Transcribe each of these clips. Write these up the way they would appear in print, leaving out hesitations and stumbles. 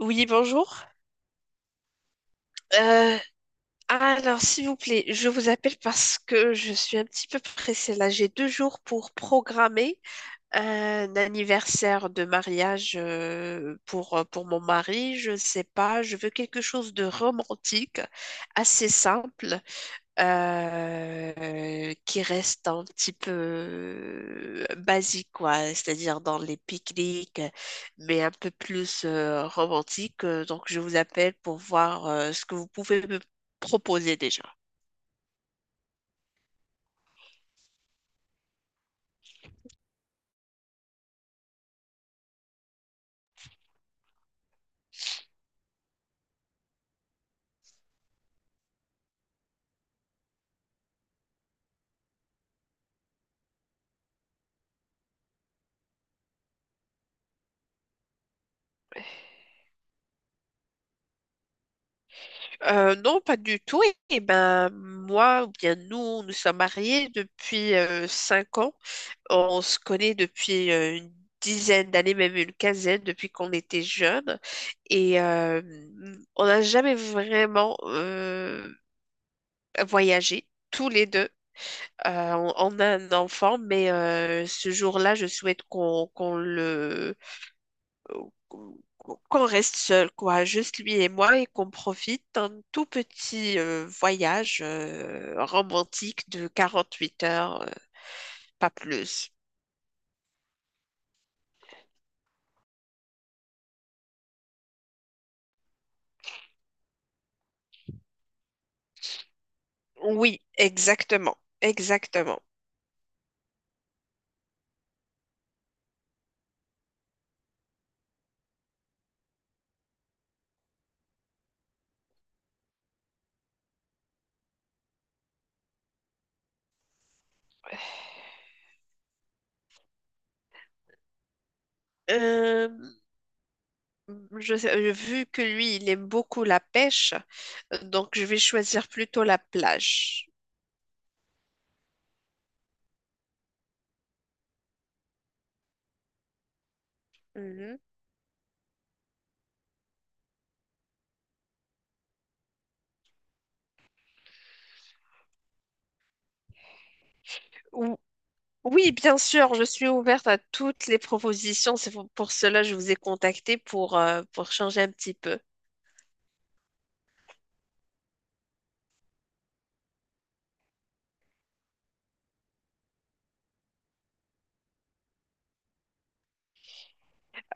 Oui, bonjour. Euh, alors, s'il vous plaît, je vous appelle parce que je suis un petit peu pressée. Là, j'ai deux jours pour programmer un anniversaire de mariage pour mon mari. Je ne sais pas, je veux quelque chose de romantique, assez simple qui reste un petit peu basique, quoi, c'est-à-dire dans les pique-niques, mais un peu plus romantique. Donc, je vous appelle pour voir ce que vous pouvez me proposer déjà. Non, pas du tout. Et, ben, moi, ou bien nous, nous sommes mariés depuis 5 ans. On se connaît depuis une dizaine d'années, même une quinzaine, depuis qu'on était jeunes. Et euh, on n'a jamais vraiment voyagé, tous les deux. On a un enfant, mais ce jour-là, je souhaite qu'on qu'on le qu'on qu'on reste seul, quoi, juste lui et moi, et qu'on profite d'un tout petit voyage romantique de 48 heures, pas plus. Oui, exactement, exactement. Euh, Vu que lui, il aime beaucoup la pêche, donc je vais choisir plutôt la plage. Mhm. Ou- Oui, bien sûr, je suis ouverte à toutes les propositions. C'est pour cela que je vous ai contacté pour changer un petit peu.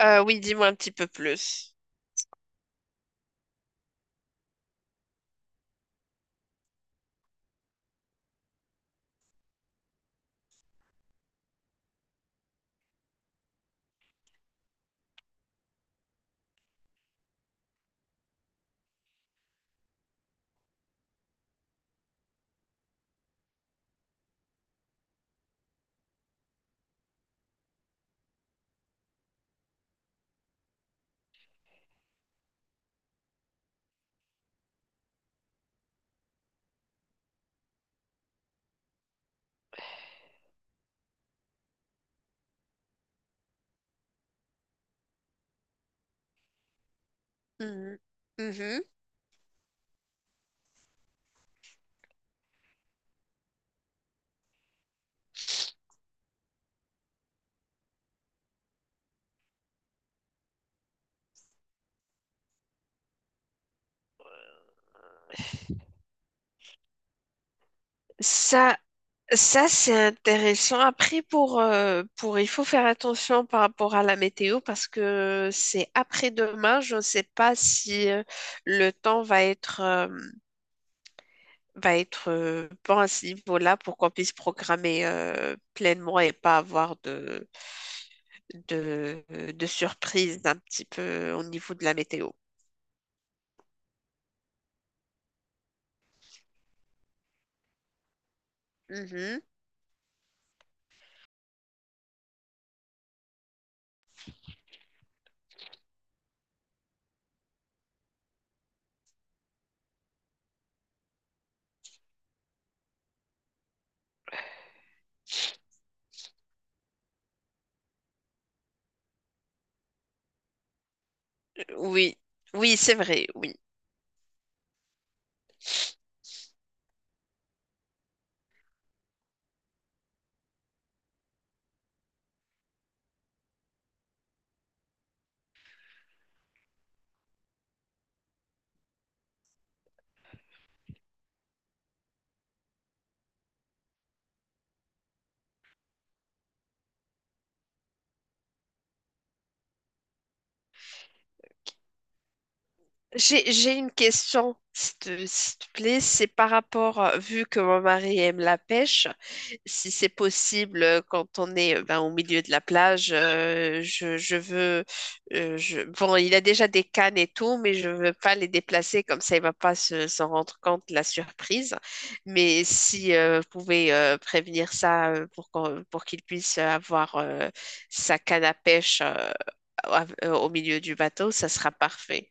Oui, dis-moi un petit peu plus. Mhm. Mhm. Ça, Ça, c'est intéressant. Après, il faut faire attention par rapport à la météo parce que c'est après-demain. Je ne sais pas si le temps va être bon à ce niveau-là pour qu'on puisse programmer pleinement et pas avoir de, de surprise un petit peu au niveau de la météo. Mhm. Oui, oui, c'est vrai, oui. J'ai une question, s'il te plaît. C'est par rapport, vu que mon mari aime la pêche, si c'est possible, quand on est ben, au milieu de la plage, je veux. Bon, il a déjà des cannes et tout, mais je veux pas les déplacer, comme ça, il va pas s'en rendre compte de la surprise. Mais si vous pouvez prévenir ça pour qu'il puisse avoir sa canne à pêche au milieu du bateau, ça sera parfait.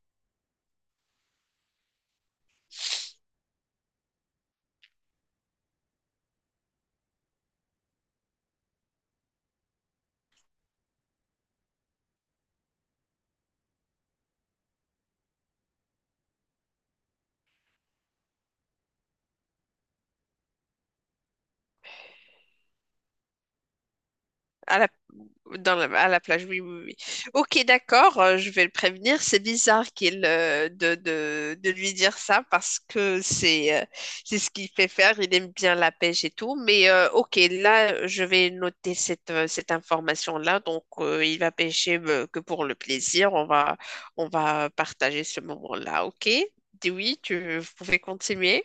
À la, à la plage, oui, oui, oui. Ok, d'accord, je vais le prévenir. C'est bizarre qu'il de lui dire ça parce que c'est ce qu'il fait faire. Il aime bien la pêche et tout. Mais ok, là, je vais noter cette, cette information-là. Donc, il va pêcher que pour le plaisir. On va partager ce moment-là. Ok? Dis Oui, vous pouvez continuer.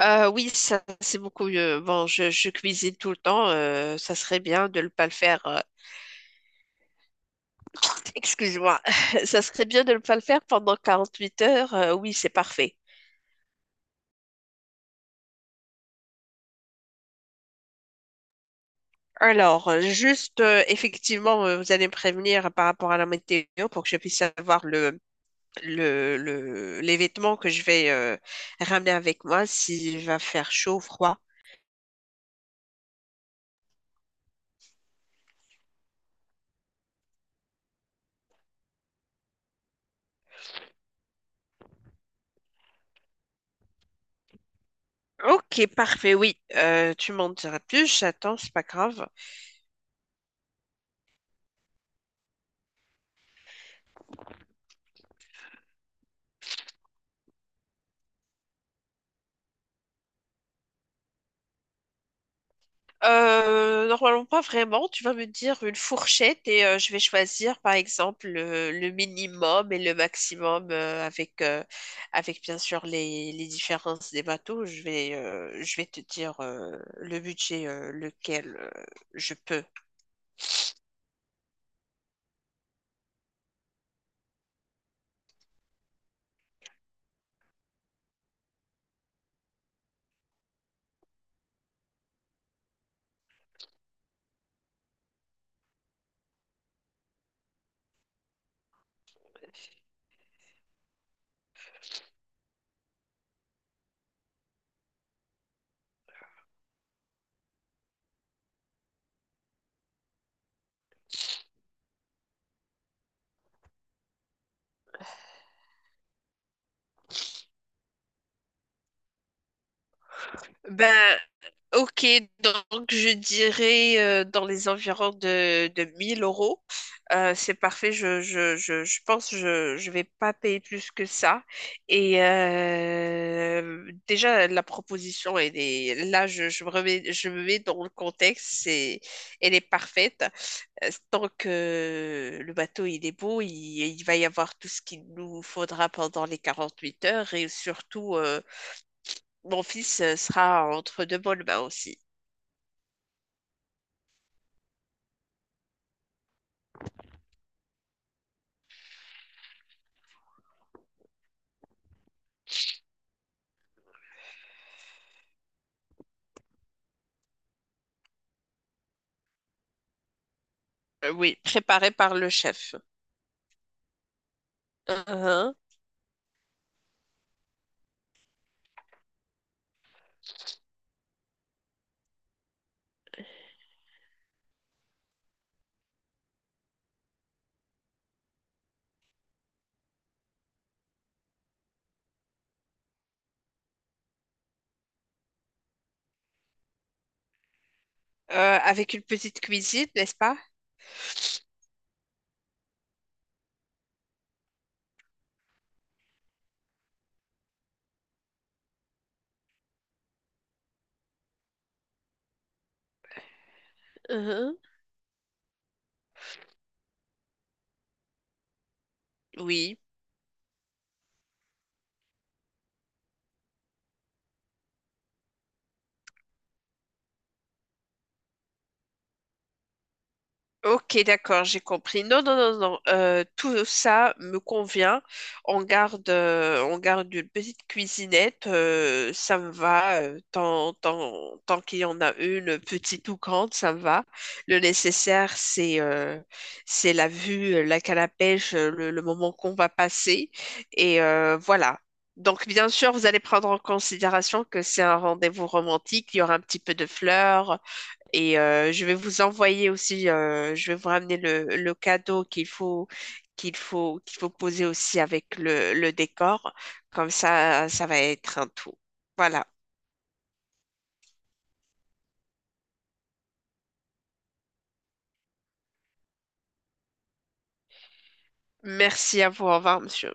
Oui, ça c'est beaucoup mieux. Bon, je cuisine tout le temps. Ça serait bien de ne pas le faire excuse-moi, ça serait bien de ne pas le faire pendant 48 heures. Oui, c'est parfait. Alors, effectivement, vous allez me prévenir par rapport à la météo pour que je puisse savoir les vêtements que je vais ramener avec moi, s'il va faire chaud ou froid. Ok, parfait, oui. Tu m'en diras plus, j'attends, c'est pas grave. Normalement pas vraiment. Tu vas me dire une fourchette et je vais choisir par exemple le minimum et le maximum avec bien sûr les différences des bateaux. Je vais te dire le budget lequel je peux. Ben Ok, donc je dirais dans les environs de 1000 euros. C'est parfait, je pense que je vais pas payer plus que ça. Et déjà, la proposition, elle est, là, je me je me mets dans le contexte, c'est, elle est parfaite. Tant que le bateau, il est beau, il va y avoir tout ce qu'il nous faudra pendant les 48 heures et surtout, mon fils sera entre deux bonnes mains aussi. Oui, préparé par le chef. Uhum. Euh, Avec une petite cuisine, n'est-ce pas? Uhum. Oui. Ok, d'accord, j'ai compris. Non, non, non, non. Tout ça me convient. On garde une petite cuisinette. Euh, ça me va. Tant qu'il y en a une, petite ou grande, ça me va. Le nécessaire, c'est la vue, la canne à pêche, le moment qu'on va passer. Et voilà. Donc, bien sûr, vous allez prendre en considération que c'est un rendez-vous romantique. Il y aura un petit peu de fleurs. Et je vais vous envoyer aussi, je vais vous ramener le cadeau qu'il faut, qu'il faut poser aussi avec le décor. Comme ça va être un tout. Voilà. Merci à vous. Au revoir, monsieur.